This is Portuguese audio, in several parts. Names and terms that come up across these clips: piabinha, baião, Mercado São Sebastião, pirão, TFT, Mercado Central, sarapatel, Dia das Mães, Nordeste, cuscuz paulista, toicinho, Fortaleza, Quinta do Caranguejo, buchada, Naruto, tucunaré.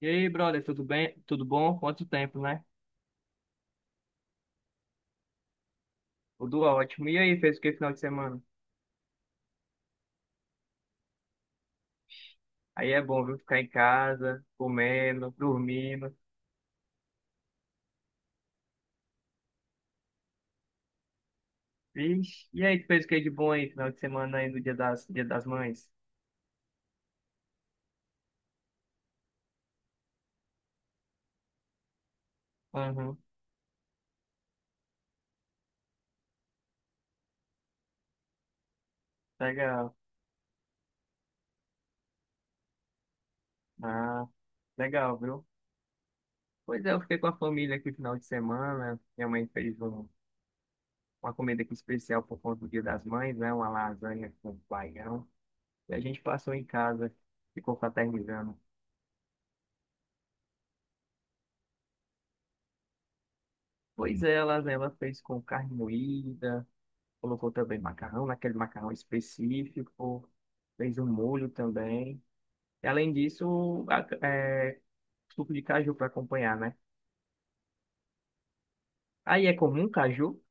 E aí, brother, tudo bem? Tudo bom? Quanto tempo, né? Tudo ótimo. E aí, fez o que final de semana? Aí é bom, viu? Ficar em casa, comendo, dormindo. Vixe. E aí, tu fez o que de bom aí, final de semana aí, no Dia das Mães? Aham, legal. Ah, legal, viu? Pois é, eu fiquei com a família aqui final de semana. Minha mãe fez um- Uma comida aqui especial por conta do Dia das Mães, né? Uma lasanha com baião. E a gente passou em casa, ficou fraternizando. Ela fez com carne moída, colocou também macarrão, naquele macarrão específico, fez um molho também. E, além disso, suco de caju para acompanhar, né? Aí é comum caju?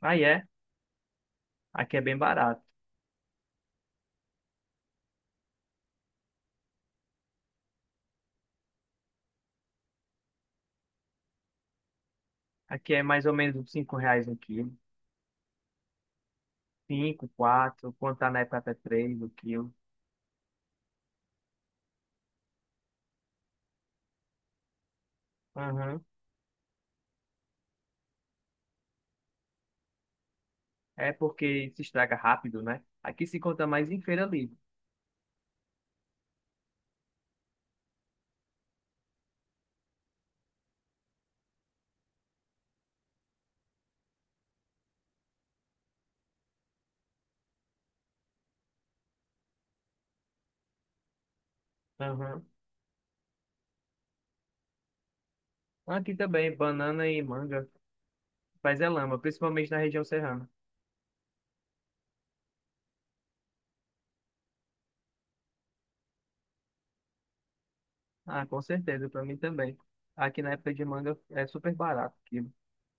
Aí é. Aqui é bem barato. Aqui é mais ou menos uns 5 reais 1 quilo. Cinco, quatro, quando tá na época, até 3 o quilo. Aham. É porque se estraga rápido, né? Aqui se conta mais em feira livre. Aham. Aqui também, banana e manga. Mas é lama, principalmente na região serrana. Ah, com certeza, para mim também. Aqui na época de manga é super barato, o quilo.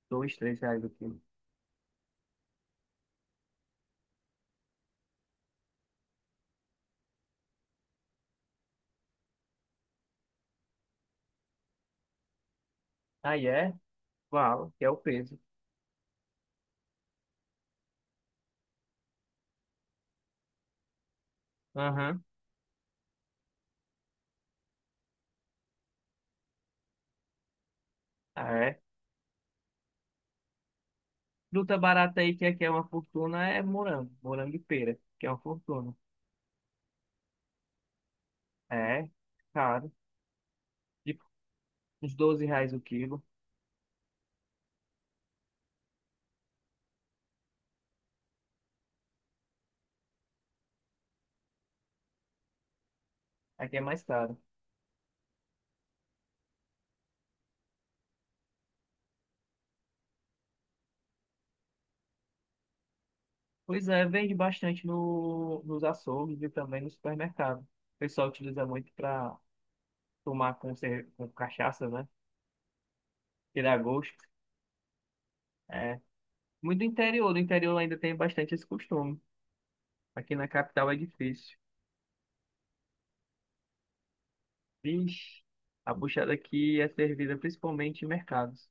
Dois, 3 reais o quilo. Aí é? Uau, que é o peso. Aham, ah é. Fruta barata aí, que aqui é uma fortuna, é morango, morango e pera, que é uma fortuna. É, caro. Tipo, uns 12 reais o quilo. Aqui é mais caro. Pois é, vende bastante no, nos açougues e também no supermercado. O pessoal utiliza muito para tomar com cachaça, né? Tirar gosto. É. Muito do interior, no interior ainda tem bastante esse costume. Aqui na capital é difícil. Vixe, a puxada aqui é servida principalmente em mercados.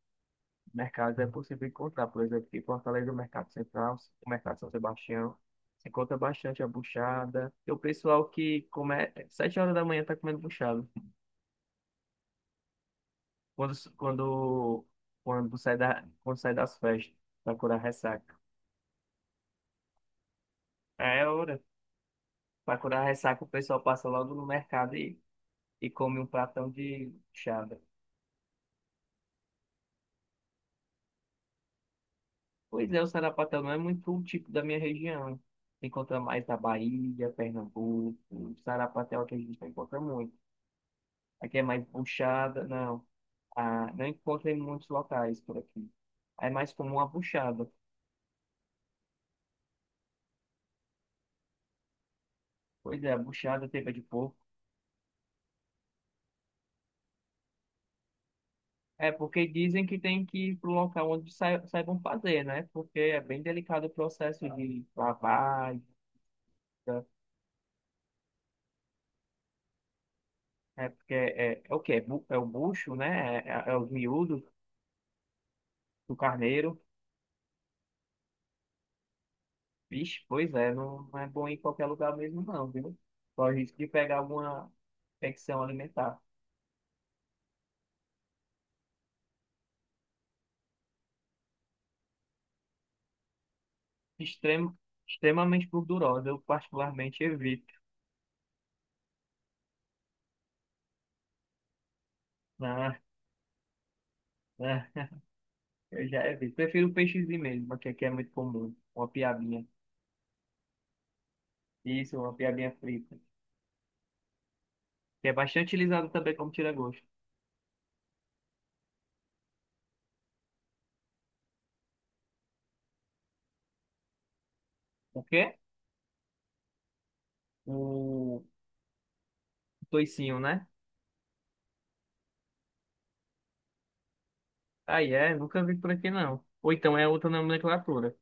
Mercados é possível encontrar, por exemplo, aqui em Fortaleza, o Mercado Central, o Mercado São Sebastião. Se encontra bastante a buchada. E o pessoal que come 7 horas da manhã está comendo buchada. Quando, quando, quando sai das festas, para curar ressaca. É hora. Para curar ressaca, o pessoal passa logo no mercado e come um pratão de buchada. Pois é, o sarapatel não é muito o tipo da minha região. Se encontra mais na Bahia, Pernambuco. O sarapatel que a gente não encontra muito. Aqui é mais buchada, não. Ah, não encontra em muitos locais por aqui. É mais comum a buchada. Pois é, a buchada, teve de porco. É porque dizem que tem que ir para o local onde saibam fazer, né? Porque é bem delicado o processo de lavagem. Tá? É porque é, é o quê? É, é o bucho, né? É os miúdos do carneiro. Vixe, pois é, não, não é bom ir em qualquer lugar mesmo, não, viu? Corre o risco de pegar alguma infecção alimentar. Extremo, Extremamente gordurosa, eu particularmente evito. Ah, ah, eu já evito. Prefiro peixezinho mesmo, porque aqui é muito comum. Uma piabinha. Isso, uma piabinha frita. Que é bastante utilizado também como tira-gosto. O quê? O toicinho, né? Aí é, nunca vi por aqui não. Ou então é outra nomenclatura.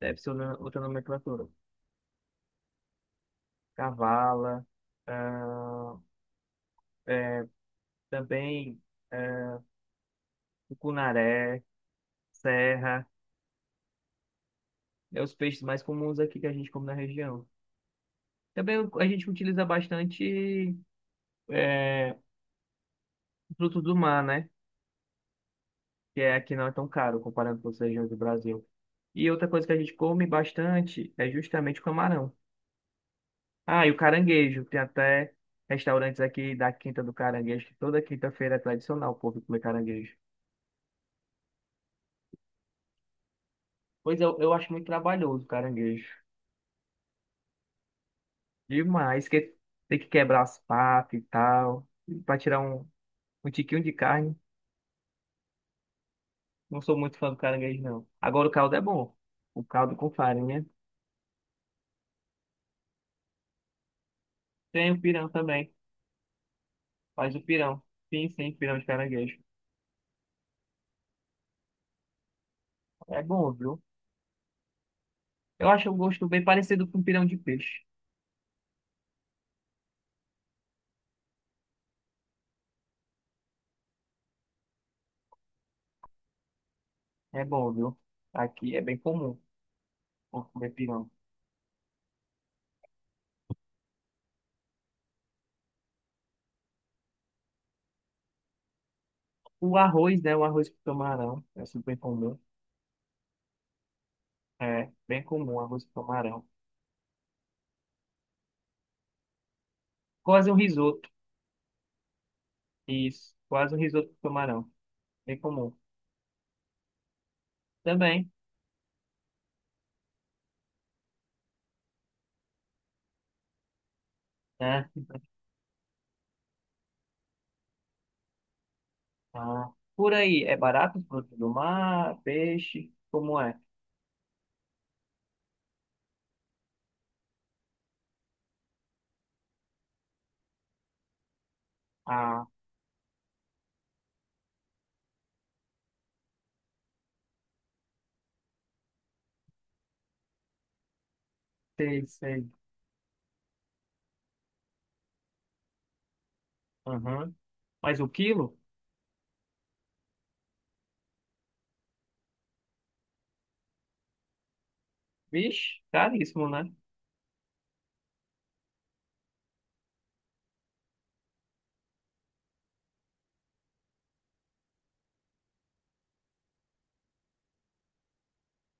Deve ser outra nomenclatura. Cavala. ah, é, Também é, tucunaré, serra, é os peixes mais comuns aqui que a gente come na região. Também a gente utiliza bastante é, frutos do mar, né? Que é, aqui não é tão caro comparando com as regiões do Brasil. E outra coisa que a gente come bastante é justamente o camarão. Ah, e o caranguejo. Tem até restaurantes aqui da Quinta do Caranguejo, que toda quinta-feira é tradicional o povo comer caranguejo. Pois eu acho muito trabalhoso o caranguejo. Demais, que tem que quebrar as patas e tal, pra tirar um tiquinho de carne. Não sou muito fã do caranguejo, não. Agora o caldo é bom. O caldo com farinha. Tem o pirão também. Faz o pirão. Sim, sim, pirão de caranguejo. É bom, viu? Eu acho o gosto bem parecido com pirão de peixe. É bom, viu? Aqui é bem comum comer pirão. O arroz, né? O arroz com camarão. É super comum. É, bem comum arroz com camarão. Quase um risoto. Isso, quase um risoto com camarão. Bem comum. Também, né? Ah, por aí, é barato os produtos do mar, peixe, como é? Ah, sei, sei. Aham. Mas o quilo? Vixe, caríssimo, né?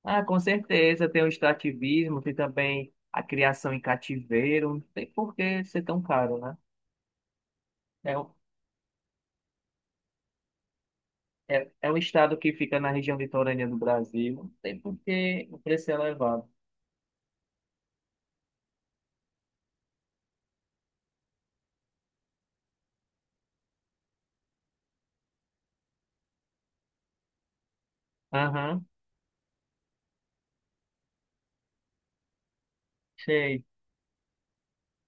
Ah, com certeza, tem o extrativismo, tem também a criação em cativeiro, não tem por que ser tão caro, né? É um, É, é um estado que fica na região litorânea do Brasil, não tem por que o preço é elevado. Aham, sei,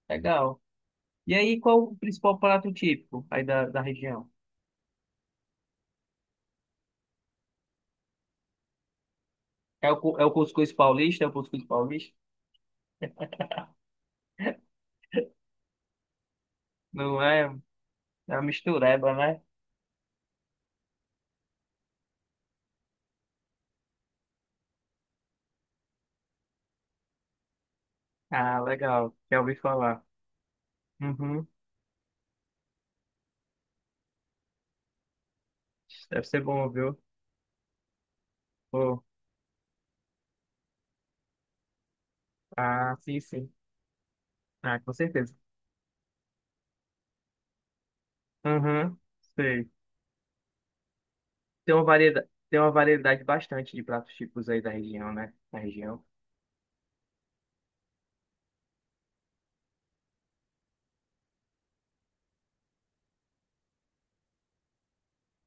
legal. E aí, qual o principal prato típico aí da região? É o cuscuz paulista? É o cuscuz paulista? Não é? É uma mistureba, né? Ah, legal. Já ouvi falar. Uhum. Deve ser bom, viu? Pô. Ah, sim, sim. Ah, com certeza. Uhum. Sei. Tem uma variedade bastante de pratos típicos aí da região, né? Da região,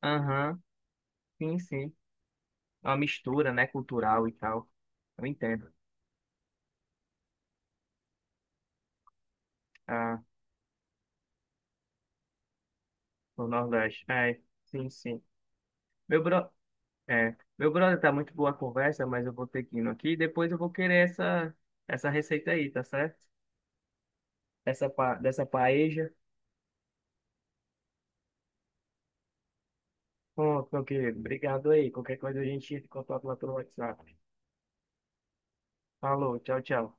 Aham, sim, sim. É uma mistura, né? Cultural e tal. Eu entendo. Ah, no Nordeste. É, sim, sim. Meu, bro... É, meu brother, tá muito boa a conversa, mas eu vou ter que ir aqui. Depois eu vou querer essa receita aí, tá certo? Dessa paeja. Pronto, meu querido. Obrigado aí. Qualquer coisa a gente entra em contato lá pelo WhatsApp. Falou, tchau, tchau.